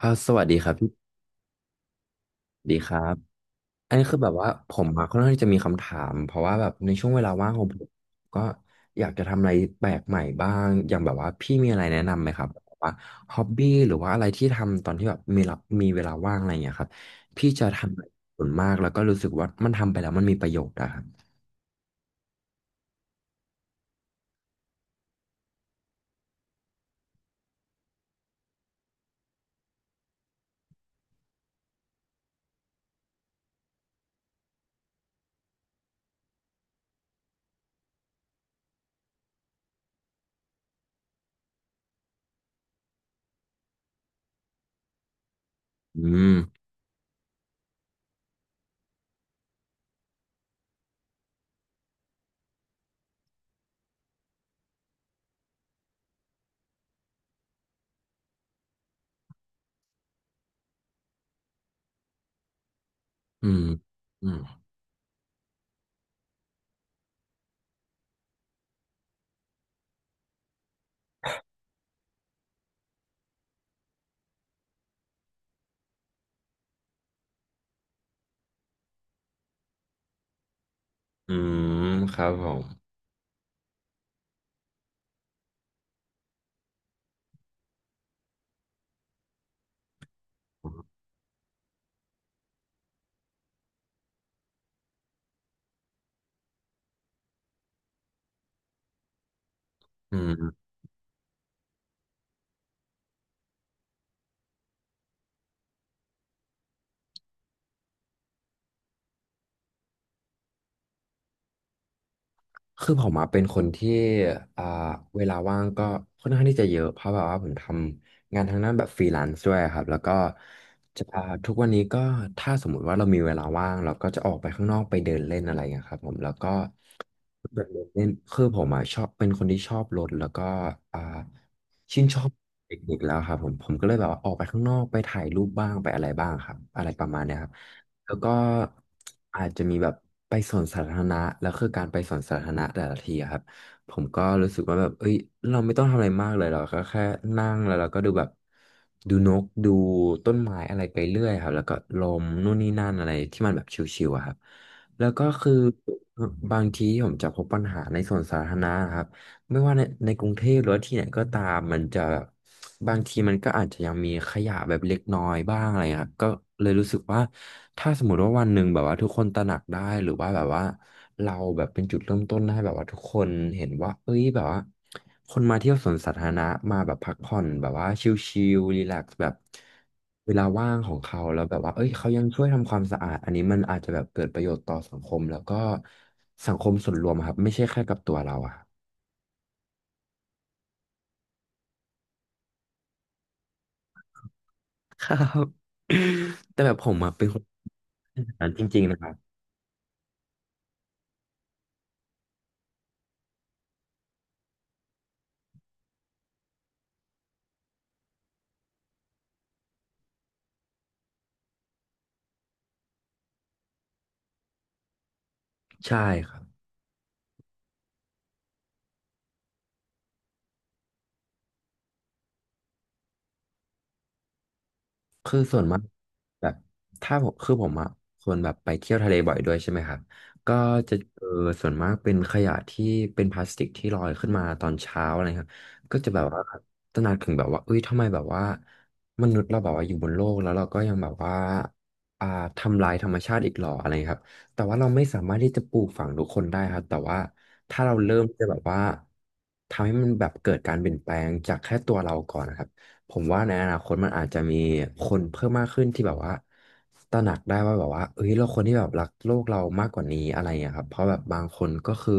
สวัสดีครับพี่ดีครับอันนี้คือแบบว่าผมมาค่อนข้างที่จะมีคำถามเพราะว่าแบบในช่วงเวลาว่างของผมก็อยากจะทำอะไรแปลกใหม่บ้างอย่างแบบว่าพี่มีอะไรแนะนำไหมครับแบบว่าฮ็อบบี้หรือว่าอะไรที่ทำตอนที่แบบมีรับมีเวลาว่างอะไรอย่างเงี้ยครับพี่จะทำอะไรส่วนมากแล้วก็รู้สึกว่ามันทำไปแล้วมันมีประโยชน์อะครับอืมอืมอืมอืมครับผมอืม คือผมอะเป็นคนที่อ่าเวลาว่างก็ค่อนข้างที่จะเยอะเพราะแบบว่าผมทำงานทางด้านแบบฟรีแลนซ์ด้วยครับแล้วก็จะทุกวันนี้ก็ถ้าสมมุติว่าเรามีเวลาว่างเราก็จะออกไปข้างนอกไปเดินเล่นอะไรอย่างเงี้ยครับผมแล้วก็ แบบรถเนี่ยคือผมอ่ะชอบเป็นคนที่ชอบรถแล้วก็อ่าชื่นชอบเทคนิคแล้วครับผมก็เลยแบบว่าออกไปข้างนอกไปถ่ายรูปบ้างไปอะไรบ้างครับอะไรประมาณเนี้ยครับแล้วก็อาจจะมีแบบไปสวนสาธารณะแล้วคือการไปสวนสาธารณะแต่ละทีอะครับผมก็รู้สึกว่าแบบเอ้ยเราไม่ต้องทำอะไรมากเลยเราก็แค่นั่งแล้วเราก็ดูแบบดูนกดูต้นไม้อะไรไปเรื่อยครับแล้วก็ลมนู่นนี่นั่นอะไรที่มันแบบชิวๆอะครับ แล้วก็คือบางทีผมจะพบปัญหาในส่วนสาธารณะครับ ไม่ว่าในกรุงเทพหรือว่าที่ไหนก็ตาม มันจะบางทีมันก็อาจจะยังมีขยะแบบเล็กน้อยบ้างอะไรเงี้ยครับก็เลยรู้สึกว่าถ้าสมมติว่าวันหนึ่งแบบว่าทุกคนตระหนักได้ หรือว่าแบบว่าเราแบบเป็นจุดเริ่มต้นให้แบบว่าทุกคนเห็นว่า เอ้ยแบบว่าคนมาเที่ยวสวนสาธารณะมาแบบพักผ่อนแบบว่าชิลๆรีแลกซ์แบบเวลาว่างของเขาแล้วแบบว่าเอ้ยเขายังช่วยทำความสะอาดอันนี้มันอาจจะแบบเกิดประโยชน์ต่อสังคมแล้วก็สังคมส่วนรวมอะครับไม่ใช่แค่กับตัวเราอะ ครับ แต่แบบผมอะเป็นคนแบบนั้นจริงๆนะครับใช่ครับ คือส่วนมากแบบถ้าผมคือผมอะคนแบบไปเที่ยวทะเลบ่อยด้วยใช่ไหมครับก็จะเจอส่วนมากเป็นขยะที่เป็นพลาสติกที่ลอยขึ้นมาตอนเช้าอะไรครับก็จะแบบว่าตระหนักถึงแบบว่าเอ้ยทำไมแบบว่ามนุษย์เราแบบว่าอยู่บนโลกแล้วเราก็ยังแบบว่าอ่าทำลายธรรมชาติอีกหรออะไรครับแต่ว่าเราไม่สามารถที่จะปลูกฝังทุกคนได้ครับแต่ว่าถ้าเราเริ่มจะแบบว่าทำให้มันแบบเกิดการเปลี่ยนแปลงจากแค่ตัวเราก่อนนะครับ ผมว่าในอนาคตมันอาจจะมีคนเพิ่มมากขึ้นที่แบบว่าตระหนักได้ว่าแบบว่าเอ้ยเราคนที่แบบรักโลกเรามากกว่านี้อะไรอย่างเงี้ยครับเพราะแบบบางคนก็คือ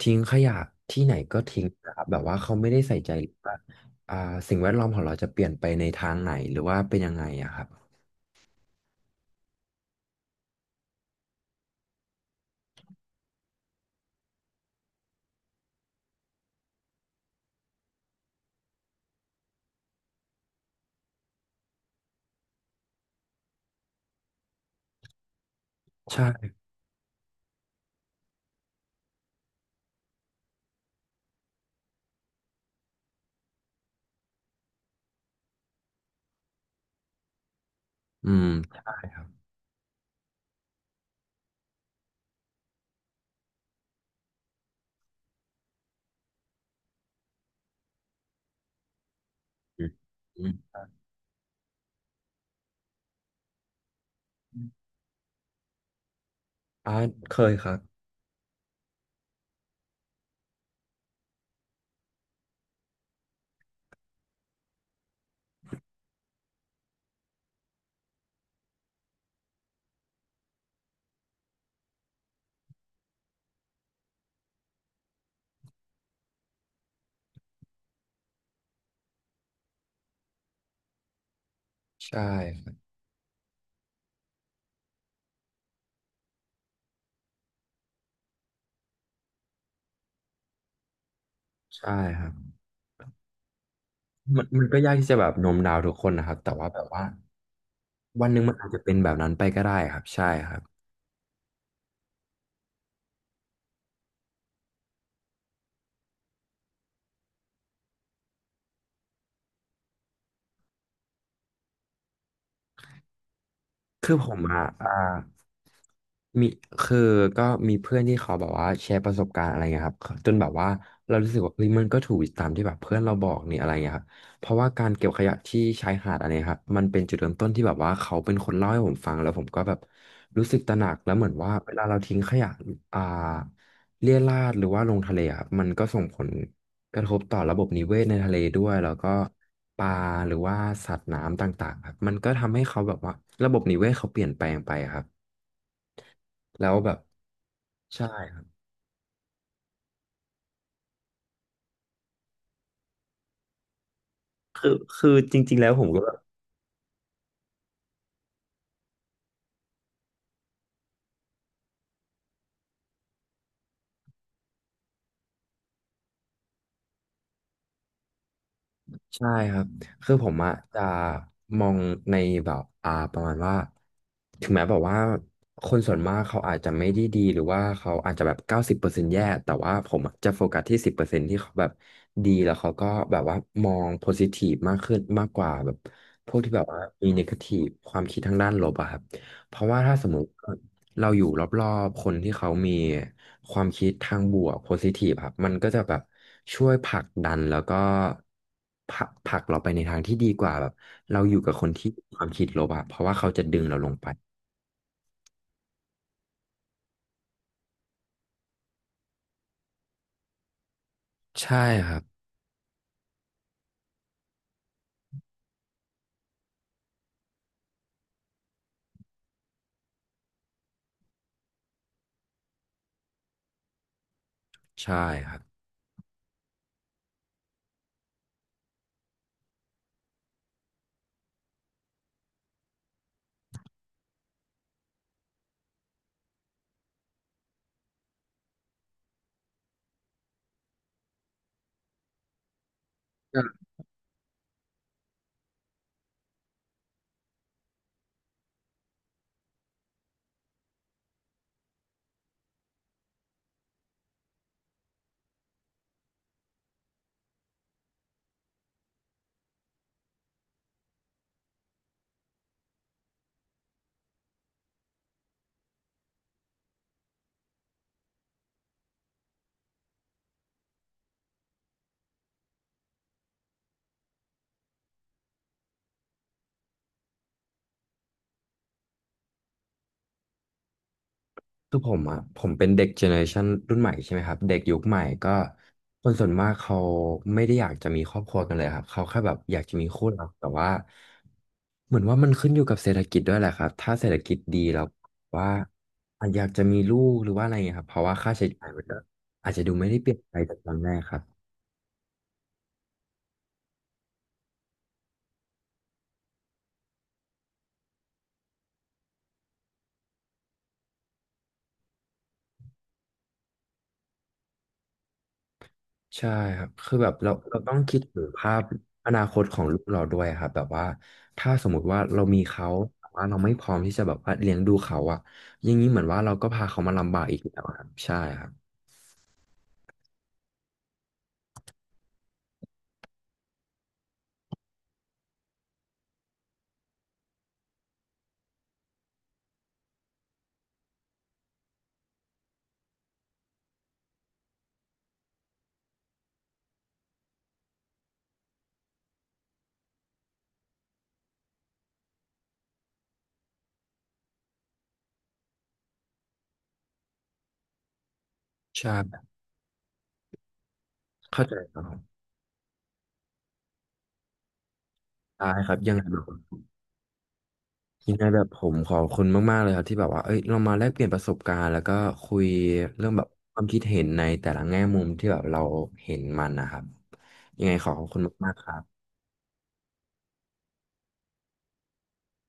ทิ้งขยะที่ไหนก็ทิ้งนะครับแบบว่าเขาไม่ได้ใส่ใจเลยว่าอ่าสิ่งแวดล้อมของเราจะเปลี่ยนไปในทางไหนหรือว่าเป็นยังไงอะครับใช่อืมใช่ครับอืมอืมอ่าเคยครับใช่ครับใช่ครับมันก็ยากที่จะแบบโน้มน้าวทุกคนนะครับแต่ว่าแบบว่าวันหนึ่งมันอาจจะเป็นแบบนั้นไปก็ได้ครับใช่ครับ คือผมอะอ่ามีคือก็มีเพื่อนที่เขาแบบว่าแชร์ประสบการณ์อะไรเงี้ยครับจนแบบว่าเรารู้สึกว่าเฮ้ยมันก็ถูกตามที่แบบเพื่อนเราบอกนี่อะไรเงี้ยครับเพราะว่าการเก็บขยะที่ชายหาดอะไรครับมันเป็นจุดเริ่มต้นที่แบบว่าเขาเป็นคนเล่าให้ผมฟังแล้วผมก็แบบรู้สึกตระหนักแล้วเหมือนว่าเวลาเราทิ้งขยะอ่าเรี่ยราดหรือว่าลงทะเลอะครับมันก็ส่งผลกระทบต่อระบบนิเวศในทะเลด้วยแล้วก็ ปลาหรือว่าสัตว์น้ำต่างๆครับมันก็ทำให้เขาแบบว่าระบบนิเวศเขาเปลี่ยนแปลงไปครับแล้วแบบใช่ครับคือคือจริงๆแล้วผมก็ ใช่ครับ คือผมอะจะมองในแบบประมาณว่าถึงแม้แบบว่าคนส่วนมากเขาอาจจะไม่ได้ดีหรือว่าเขาอาจจะแบบ90%แย่แต่ว่าผมอะจะโฟกัสที่สิบเปอร์เซ็นต์ที่เขาแบบดีแล้วเขาก็แบบว่ามองโพซิทีฟมากขึ้นมากกว่าแบบพวกที่แบบว่ามีเนกาทีฟความคิดทางด้านลบอะครับเพราะว่าถ้าสมมติ เราอยู่รอบๆคนที่เขามีความคิดทางบวกโพซิทีฟครับมันก็จะแบบช่วยผลักดันแล้วก็ผลักเราไปในทางที่ดีกว่าแบบเราอยู่กับคนที่มีความคิดลบอะเพราะว่าเขาจะดึงเราลงไปใช่ครับใช่ครับ คือผมอ่ะผมเป็นเด็กเจเนอเรชันรุ่นใหม่ใช่ไหมครับเด็กยุคใหม่ก็คนส่วนมากเขาไม่ได้อยากจะมีครอบครัวกันเลยครับเขาแค่แบบอยากจะมีคู่รักแต่ว่าเหมือนว่ามันขึ้นอยู่กับเศรษฐกิจด้วยแหละครับถ้าเศรษฐกิจดีแล้วว่าอาจอยากจะมีลูกหรือว่าอะไรเงี้ยครับเพราะว่าค่าใช้จ่ายมันก็อาจจะดูไม่ได้เปลี่ยนไปจากตอนแรกครับ ใช่ครับคือแบบเราต้องคิดถึงภาพอนาคตของลูกเราด้วยครับแบบว่าถ้าสมมุติว่าเรามีเขาแต่ว่าเราไม่พร้อมที่จะแบบว่าเลี้ยงดูเขาอะอย่างนี้เหมือนว่าเราก็พาเขามาลำบากอีกแล้วอะครับใช่ครับใช่เข้าใจครับผมได้ครับยังไงแบบยังไงแบบผมขอบคุณมากๆเลยครับที่แบบว่าเอ้ยเรามาแลกเปลี่ยนประสบการณ์แล้วก็คุยเรื่องแบบความคิดเห็นในแต่ละแง่มุมที่แบบเราเห็นมันนะครับยังไงขอขอบคุณมากๆครับ